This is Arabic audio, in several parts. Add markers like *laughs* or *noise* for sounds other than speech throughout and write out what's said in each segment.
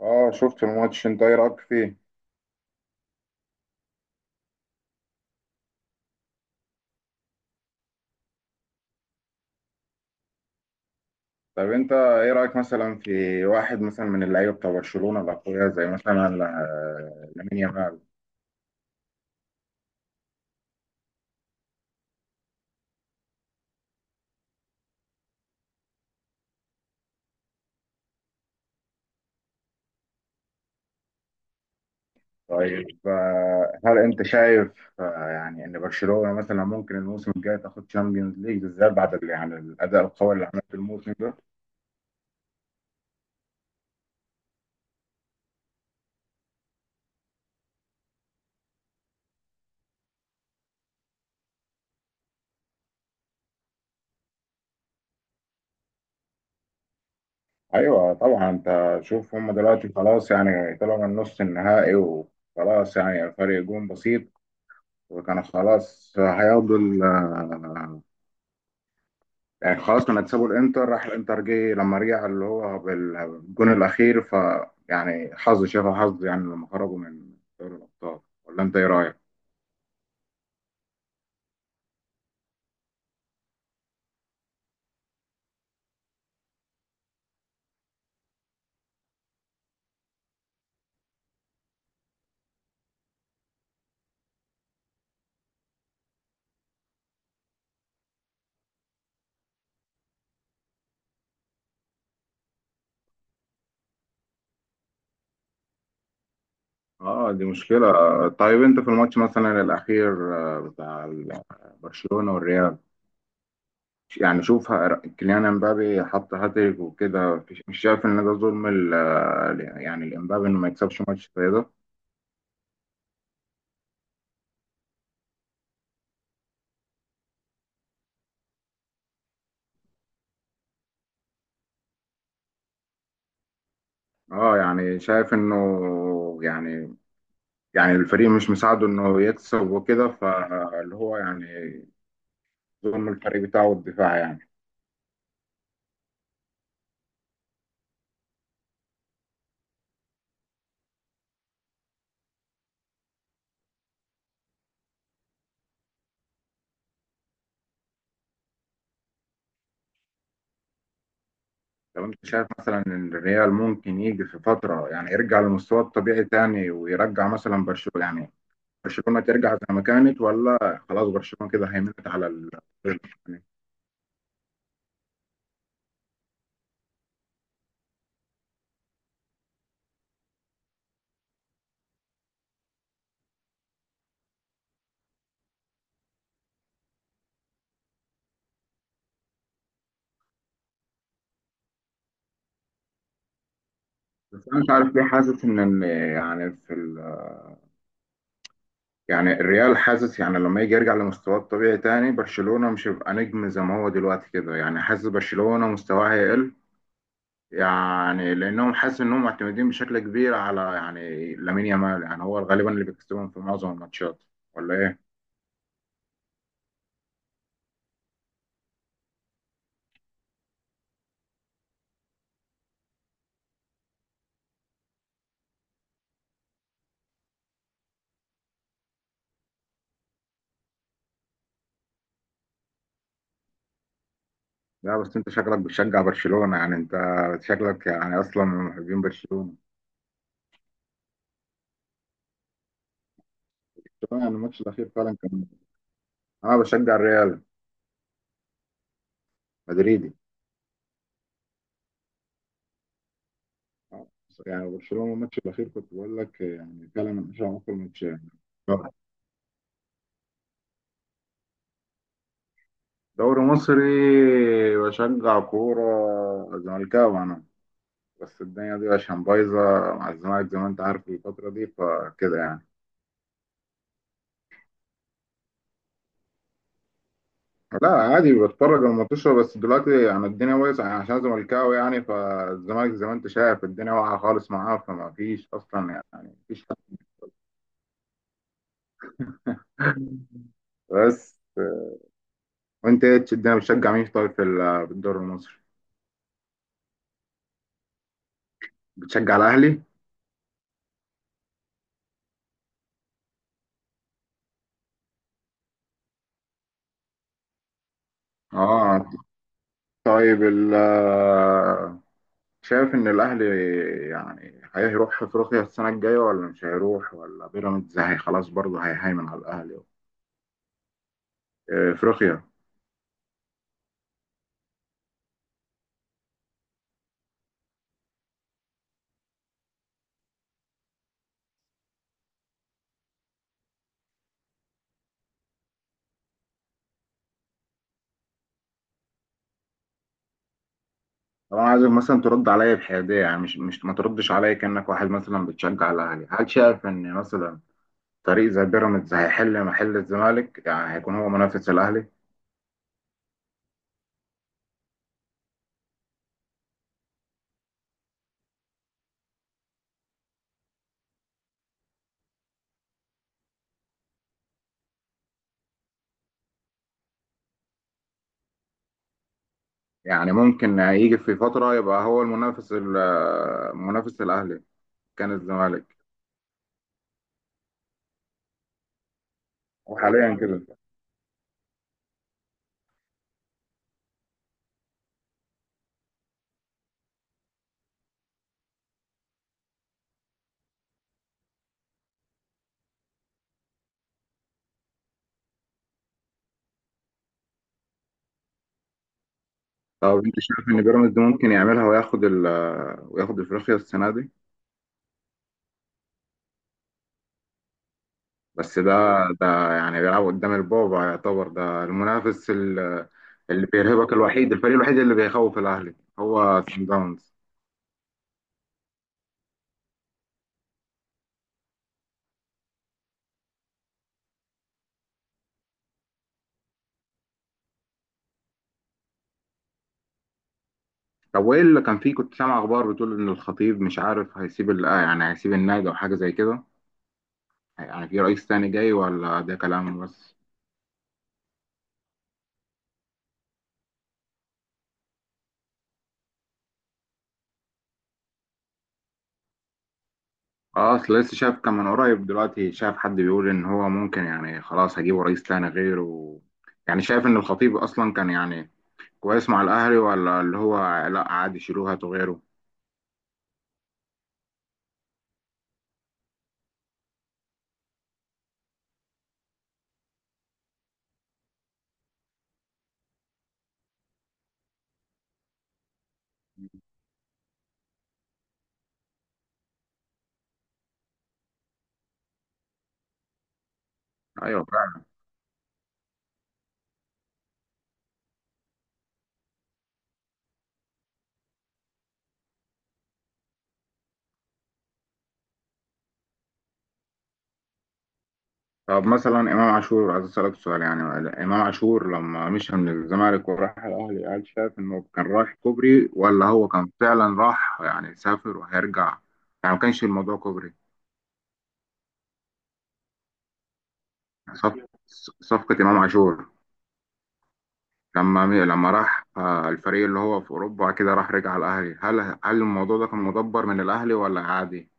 اه شفت الماتش، انت ايه رايك فيه؟ طب انت ايه رايك مثلا في واحد مثلا من اللعيبه بتاع برشلونه الاقوياء زي مثلا لامين يامال؟ طيب هل انت شايف ان برشلونه مثلا ممكن الموسم الجاي تاخد تشامبيونز ليج بالذات بعد الاداء القوي اللي عملته الموسم ده؟ ايوه طبعا، انت شوف هم دلوقتي خلاص، يعني طلعوا من نص النهائي وخلاص يعني فرق جون بسيط، وكانوا خلاص هياخدوا يعني خلاص، كنا كسبوا الانتر، راح الانتر جه لما رجع اللي هو بالجون الاخير، ف يعني حظ، شافها حظ يعني لما خرجوا من دوري الابطال، ولا انت ايه رايك؟ اه دي مشكله. طيب انت في الماتش مثلا الاخير برشلونه والريال، يعني شوف كيليان امبابي حط هاتريك وكده، مش شايف ان ده ظلم الامبابي انه ما يكسبش ماتش زي ده؟ اه يعني شايف انه يعني، يعني الفريق مش مساعده انه يكسب وكده، فاللي هو يعني ظلم الفريق بتاعه الدفاع يعني. طب انت شايف مثلا ان الريال ممكن يجي في فتره يعني يرجع لمستواه الطبيعي تاني، ويرجع مثلا برشلونه يعني برشلونه ترجع زي ما كانت، ولا خلاص برشلونه كده هيمنت على ال *laughs* يعني. بس انا مش عارف ليه حاسس ان يعني في يعني الريال، حاسس يعني لما يجي يرجع لمستواه الطبيعي تاني برشلونه مش هيبقى نجم زي ما هو دلوقتي كده، يعني حاسس برشلونه مستواه هيقل، يعني لانهم حاسس انهم معتمدين بشكل كبير على يعني لامين يامال، يعني هو غالبا اللي بيكسبهم في معظم الماتشات، ولا ايه؟ لا بس انت شكلك بتشجع برشلونة، يعني انت شكلك يعني اصلا من محبين برشلونة. يعني الماتش الاخير فعلا كان. انا بشجع الريال، مدريدي. يعني برشلونة الماتش الاخير كنت بقول لك يعني فعلا من اشهر اقوى الماتشات. دوري مصري، بشجع كورة، زملكاوي انا. بس الدنيا دي عشان بايظة مع الزمالك زي ما انت عارف الفترة دي، فكده يعني. لا عادي بتفرج على الماتشات، بس دلوقتي يعني الدنيا بايظة يعني عشان زملكاوي يعني، فالزمالك زي ما انت شايف الدنيا واقعة خالص معاه، فما فيش أصلا يعني مفيش. *laughs* بس، وانت ايه الدنيا بتشجع مين طيب في في الدوري المصري؟ بتشجع الأهلي؟ اه. طيب ال شايف إن الأهلي يعني هيروح أفريقيا السنة الجاية، ولا مش هيروح؟ ولا بيراميدز هي خلاص برضه هيهيمن على الأهلي؟ افريقيا. طبعا عايزك مثلا ترد عليا بحياديه، يعني مش ما تردش عليا كانك واحد مثلا بتشجع الاهلي، هل شايف ان مثلا فريق زي بيراميدز هيحل محل الزمالك، يعني هيكون هو منافس الاهلي؟ يعني ممكن يجي في فتره يبقى هو منافس الاهلي؟ كان الزمالك. وحاليا كده. طب انت شايف ان بيراميدز ممكن يعملها وياخد ال وياخد افريقيا السنه دي؟ بس ده، ده يعني بيلعب قدام البابا، يعتبر ده المنافس ال- اللي بيرهبك الوحيد، الفريق الوحيد اللي بيخوف الاهلي هو سان داونز. طب وايه اللي كان فيه؟ كنت سامع اخبار بتقول ان الخطيب مش عارف هيسيب يعني هيسيب النادي او حاجه زي كده، يعني في رئيس تاني جاي، ولا ده كلام بس؟ اه اصل لسه شايف، كان من قريب دلوقتي شايف حد بيقول ان هو ممكن يعني خلاص هجيبه رئيس تاني غيره، يعني شايف ان الخطيب اصلا كان يعني كويس مع الاهلي، ولا اللي هو لا عادي شيلوه هاتوا غيره؟ ايوه. طب مثلا امام عاشور، عايز اسالك سؤال يعني، امام عاشور لما مشى من الزمالك وراح الاهلي، هل شايف انه كان رايح كوبري، ولا هو كان فعلا راح يعني سافر وهيرجع؟ يعني ما كانش الموضوع كوبري. يعني صف- صفقة امام عاشور لما راح الفريق اللي هو في اوروبا كده، راح رجع الاهلي، هل الموضوع ده كان مدبر من الاهلي ولا عادي؟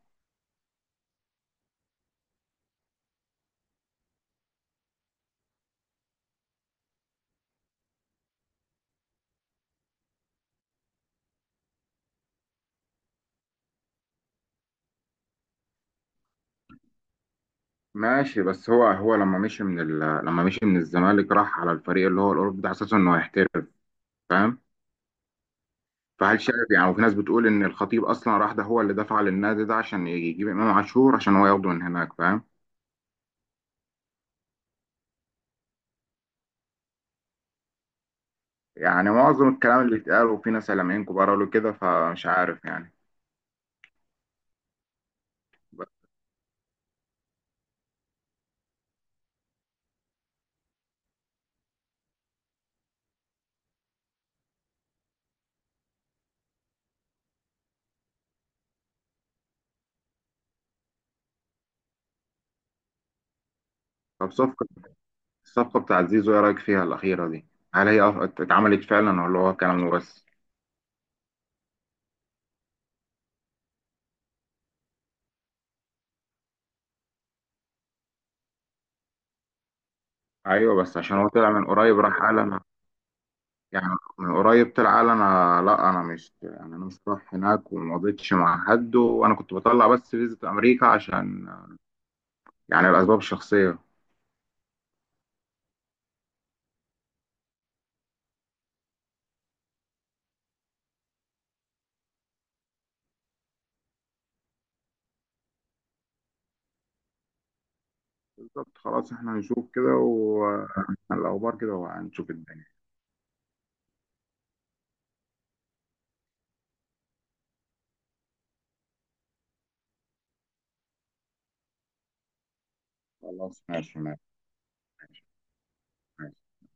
ماشي. بس هو لما مشي من لما مشي من الزمالك راح على الفريق اللي هو الاوروبي ده على اساس انه هيحترف، فاهم؟ فهل شايف يعني، وفي ناس بتقول ان الخطيب اصلا راح ده هو اللي دفع للنادي ده عشان يجيب امام عاشور، عشان هو ياخده من هناك، فاهم؟ يعني معظم الكلام اللي اتقال، وفي ناس اعلاميين كبار قالوا كده، فمش عارف يعني. بس. طب صفقة، الصفقة بتاعت زيزو ايه رايك فيها الاخيرة دي؟ هل هي أف- اتعملت فعلا، ولا هو كلام بس؟ ايوه بس عشان هو طلع من قريب راح قال انا، يعني من قريب طلع قال انا لا انا مش يعني انا مش رايح هناك، وما قضيتش مع حد، وانا كنت بطلع بس فيزة امريكا عشان يعني الاسباب الشخصية. بالظبط، خلاص، احنا هنشوف كده، والاخبار كده، وهنشوف الدنيا. خلاص، ماشي ماشي، ماشي.